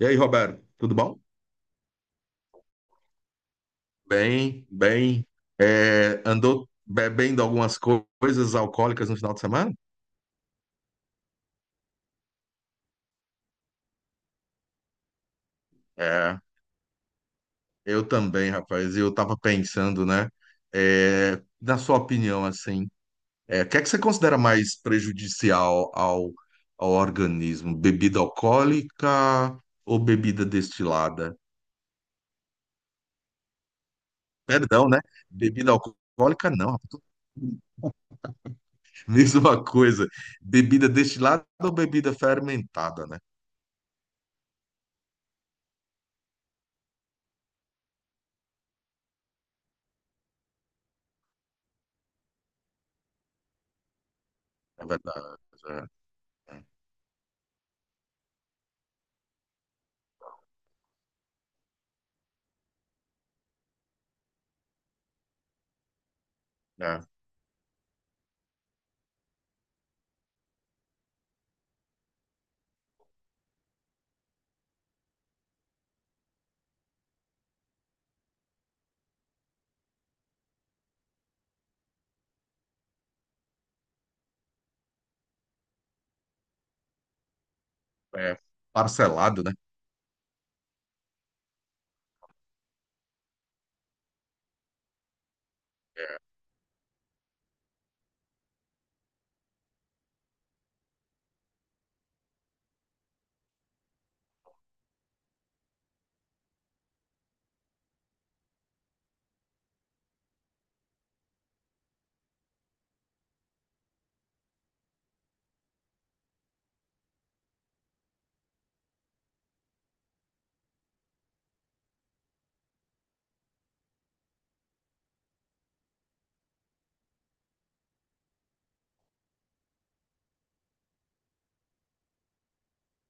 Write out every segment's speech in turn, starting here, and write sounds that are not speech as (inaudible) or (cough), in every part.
E aí, Roberto, tudo bom? Bem, bem. Andou bebendo algumas coisas alcoólicas no final de semana? É, eu também, rapaz. Eu tava pensando, né? Na sua opinião, assim, o que é que você considera mais prejudicial ao organismo? Bebida alcoólica ou bebida destilada? Perdão, né? Bebida alcoólica, não. Rapaz. (laughs) Mesma coisa. Bebida destilada ou bebida fermentada, né? É verdade. É. É. É, é parcelado, né?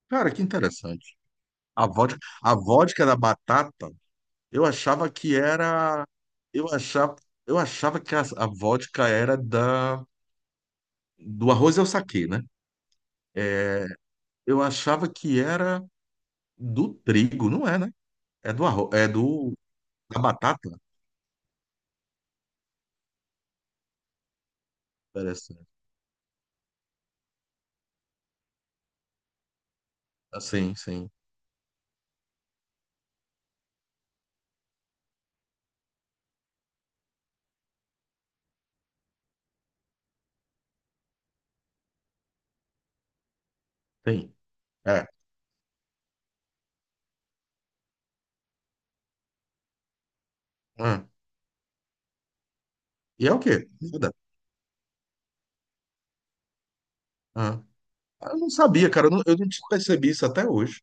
Cara, que interessante. A vodka da batata, eu achava que era. Eu achava, eu achava que a vodka era do arroz e o saquê, né? É, eu achava que era do trigo, não é, né? É do arroz, é do da batata. Parece. Assim, sim, sim. É. Ah. E é o quê? Nada. Ah. Eu não sabia, cara. Eu não percebi isso até hoje.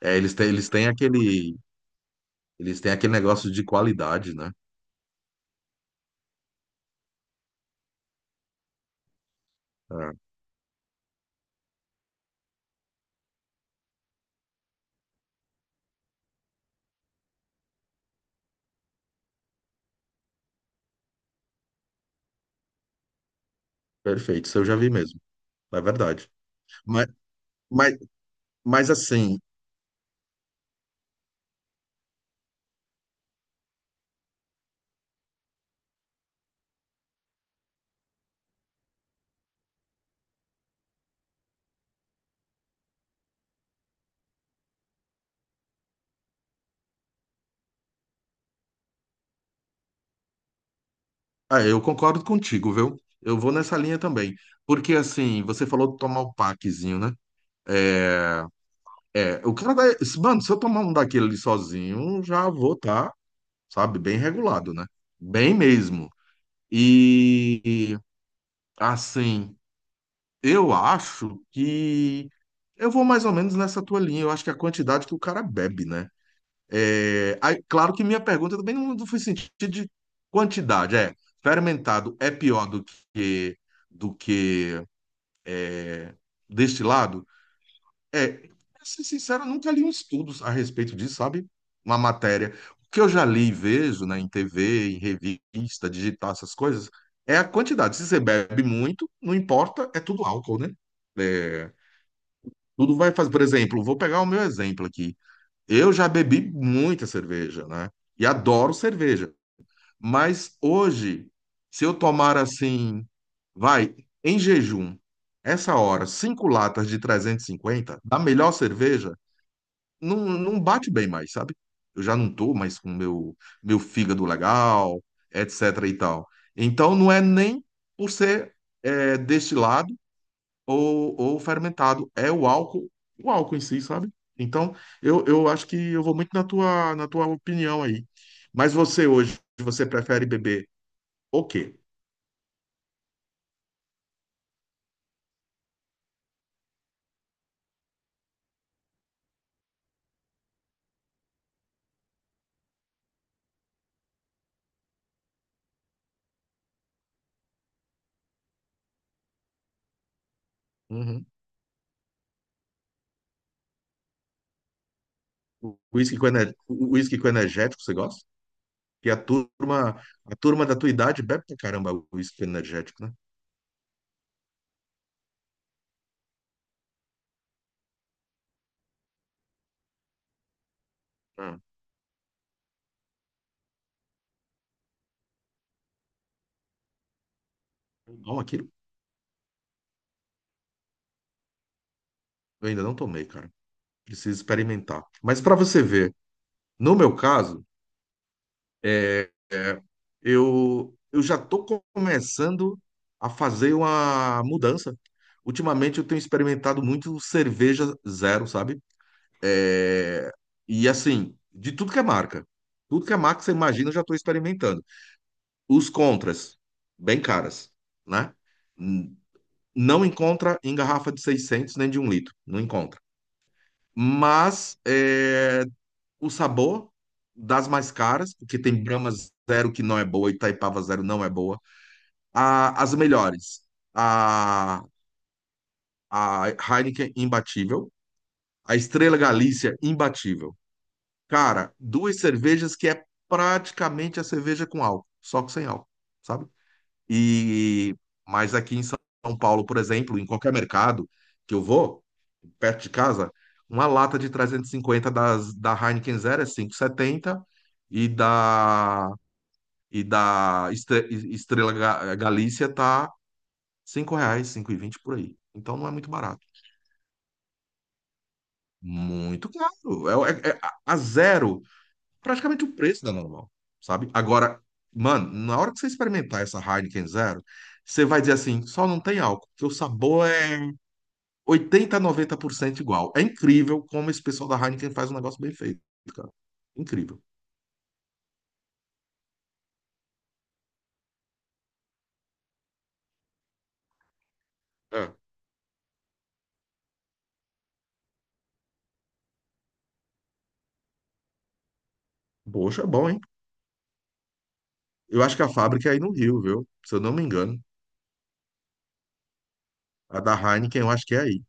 É, eles têm, eles têm aquele Eles têm aquele negócio de qualidade, né? Ah, perfeito, isso eu já vi mesmo, é verdade. Mas, mas, mas assim, ah, eu concordo contigo, viu? Eu vou nessa linha também. Porque assim, você falou de tomar o packzinho, né? É, o cara vai. Mano, se eu tomar um daquele ali sozinho, já vou tá, sabe, bem regulado, né? Bem mesmo. E assim, eu acho que eu vou mais ou menos nessa tua linha. Eu acho que a quantidade que o cara bebe, né? Aí, claro que minha pergunta também não foi sentido de quantidade. Fermentado é pior do que do que destilado? É, pra ser sincero, eu nunca li um estudo a respeito disso, sabe? Uma matéria. O que eu já li e vejo, né, em TV, em revista, digitar essas coisas, é a quantidade. Se você bebe muito, não importa, é tudo álcool, né? É, tudo vai fazer. Por exemplo, vou pegar o meu exemplo aqui. Eu já bebi muita cerveja, né? E adoro cerveja. Mas hoje, se eu tomar assim, vai, em jejum, essa hora, cinco latas de 350 da melhor cerveja, não, não bate bem mais, sabe? Eu já não tô mais com meu fígado legal, etc e tal. Então não é nem por ser destilado ou fermentado, é o álcool em si, sabe? Então eu acho que eu vou muito na tua opinião aí. Mas você hoje, você prefere beber o quê? Uhum. O whisky com energético, você gosta? Porque a turma da tua idade bebe pra caramba o whisky energético, né? Ah, bom, aquilo eu ainda não tomei, cara. Preciso experimentar. Mas para você ver, no meu caso, é, é, eu já tô começando a fazer uma mudança. Ultimamente eu tenho experimentado muito cerveja zero, sabe? É, e assim, de tudo que é marca. Tudo que é marca, você imagina, eu já estou experimentando. Os contras, bem caras, né? N- Não encontra em garrafa de 600 nem de um litro, não encontra. Mas o sabor das mais caras, porque tem Brahma Zero que não é boa, Itaipava Zero não é boa. As melhores, a, a Heineken imbatível, a Estrela Galícia imbatível. Cara, duas cervejas que é praticamente a cerveja com álcool, só que sem álcool, sabe? E mas aqui em São Paulo, por exemplo, em qualquer mercado que eu vou, perto de casa, uma lata de 350 da Heineken Zero é 5,70 e setenta e da e da Estrela Galícia tá R$ 5, 5,20 por aí. Então não é muito barato. Muito caro. A zero, praticamente o preço da normal, sabe? Agora, mano, na hora que você experimentar essa Heineken Zero, você vai dizer assim, só não tem álcool, porque o sabor é 80 a 90% igual. É incrível como esse pessoal da Heineken faz um negócio bem feito, cara. Incrível. É. Poxa, é bom, hein? Eu acho que a fábrica é aí no Rio, viu? Se eu não me engano. A da Heineken, eu acho que é aí.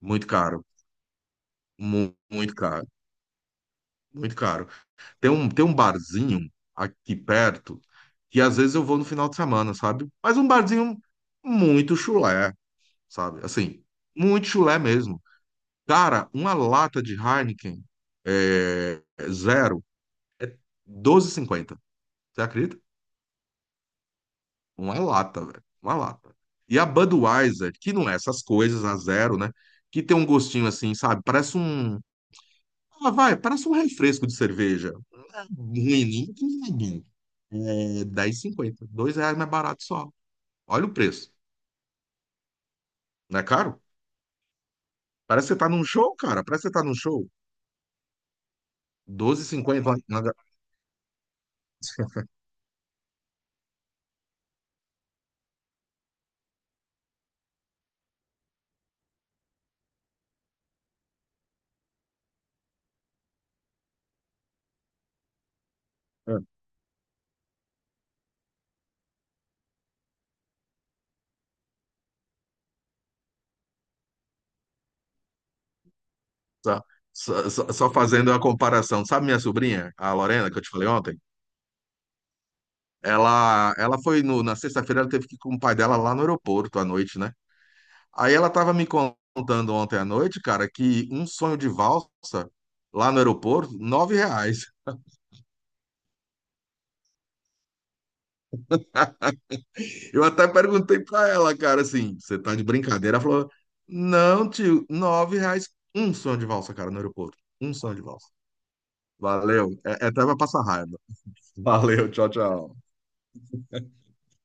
Muito caro. Muito, caro. Muito caro. Tem um barzinho aqui perto que às vezes eu vou no final de semana, sabe? Mas um barzinho muito chulé, sabe? Assim, muito chulé mesmo. Cara, uma lata de Heineken é, zero, 12,50. Você acredita? Uma lata, velho. Uma lata. E a Budweiser, que não é essas coisas, a zero, né? Que tem um gostinho assim, sabe? Parece um. Ah, vai, parece um refresco de cerveja. Ruim, não é. 10,50, R$ 2 mais barato só. Olha o preço. Não é caro? Parece que você tá num show, cara. Parece que você tá num show. R$12,50. É, Só, só fazendo a comparação. Sabe minha sobrinha, a Lorena, que eu te falei ontem? Ela foi na sexta-feira, ela teve que ir com o pai dela lá no aeroporto à noite, né? Aí ela tava me contando ontem à noite, cara, que um sonho de valsa lá no aeroporto, R$ 9. Eu até perguntei pra ela, cara, assim, você tá de brincadeira? Ela falou, não, tio, R$ 9, um sonho de valsa, cara, no aeroporto. Um sonho de valsa. Valeu. Até pra passar raiva. (laughs) Valeu, tchau, tchau.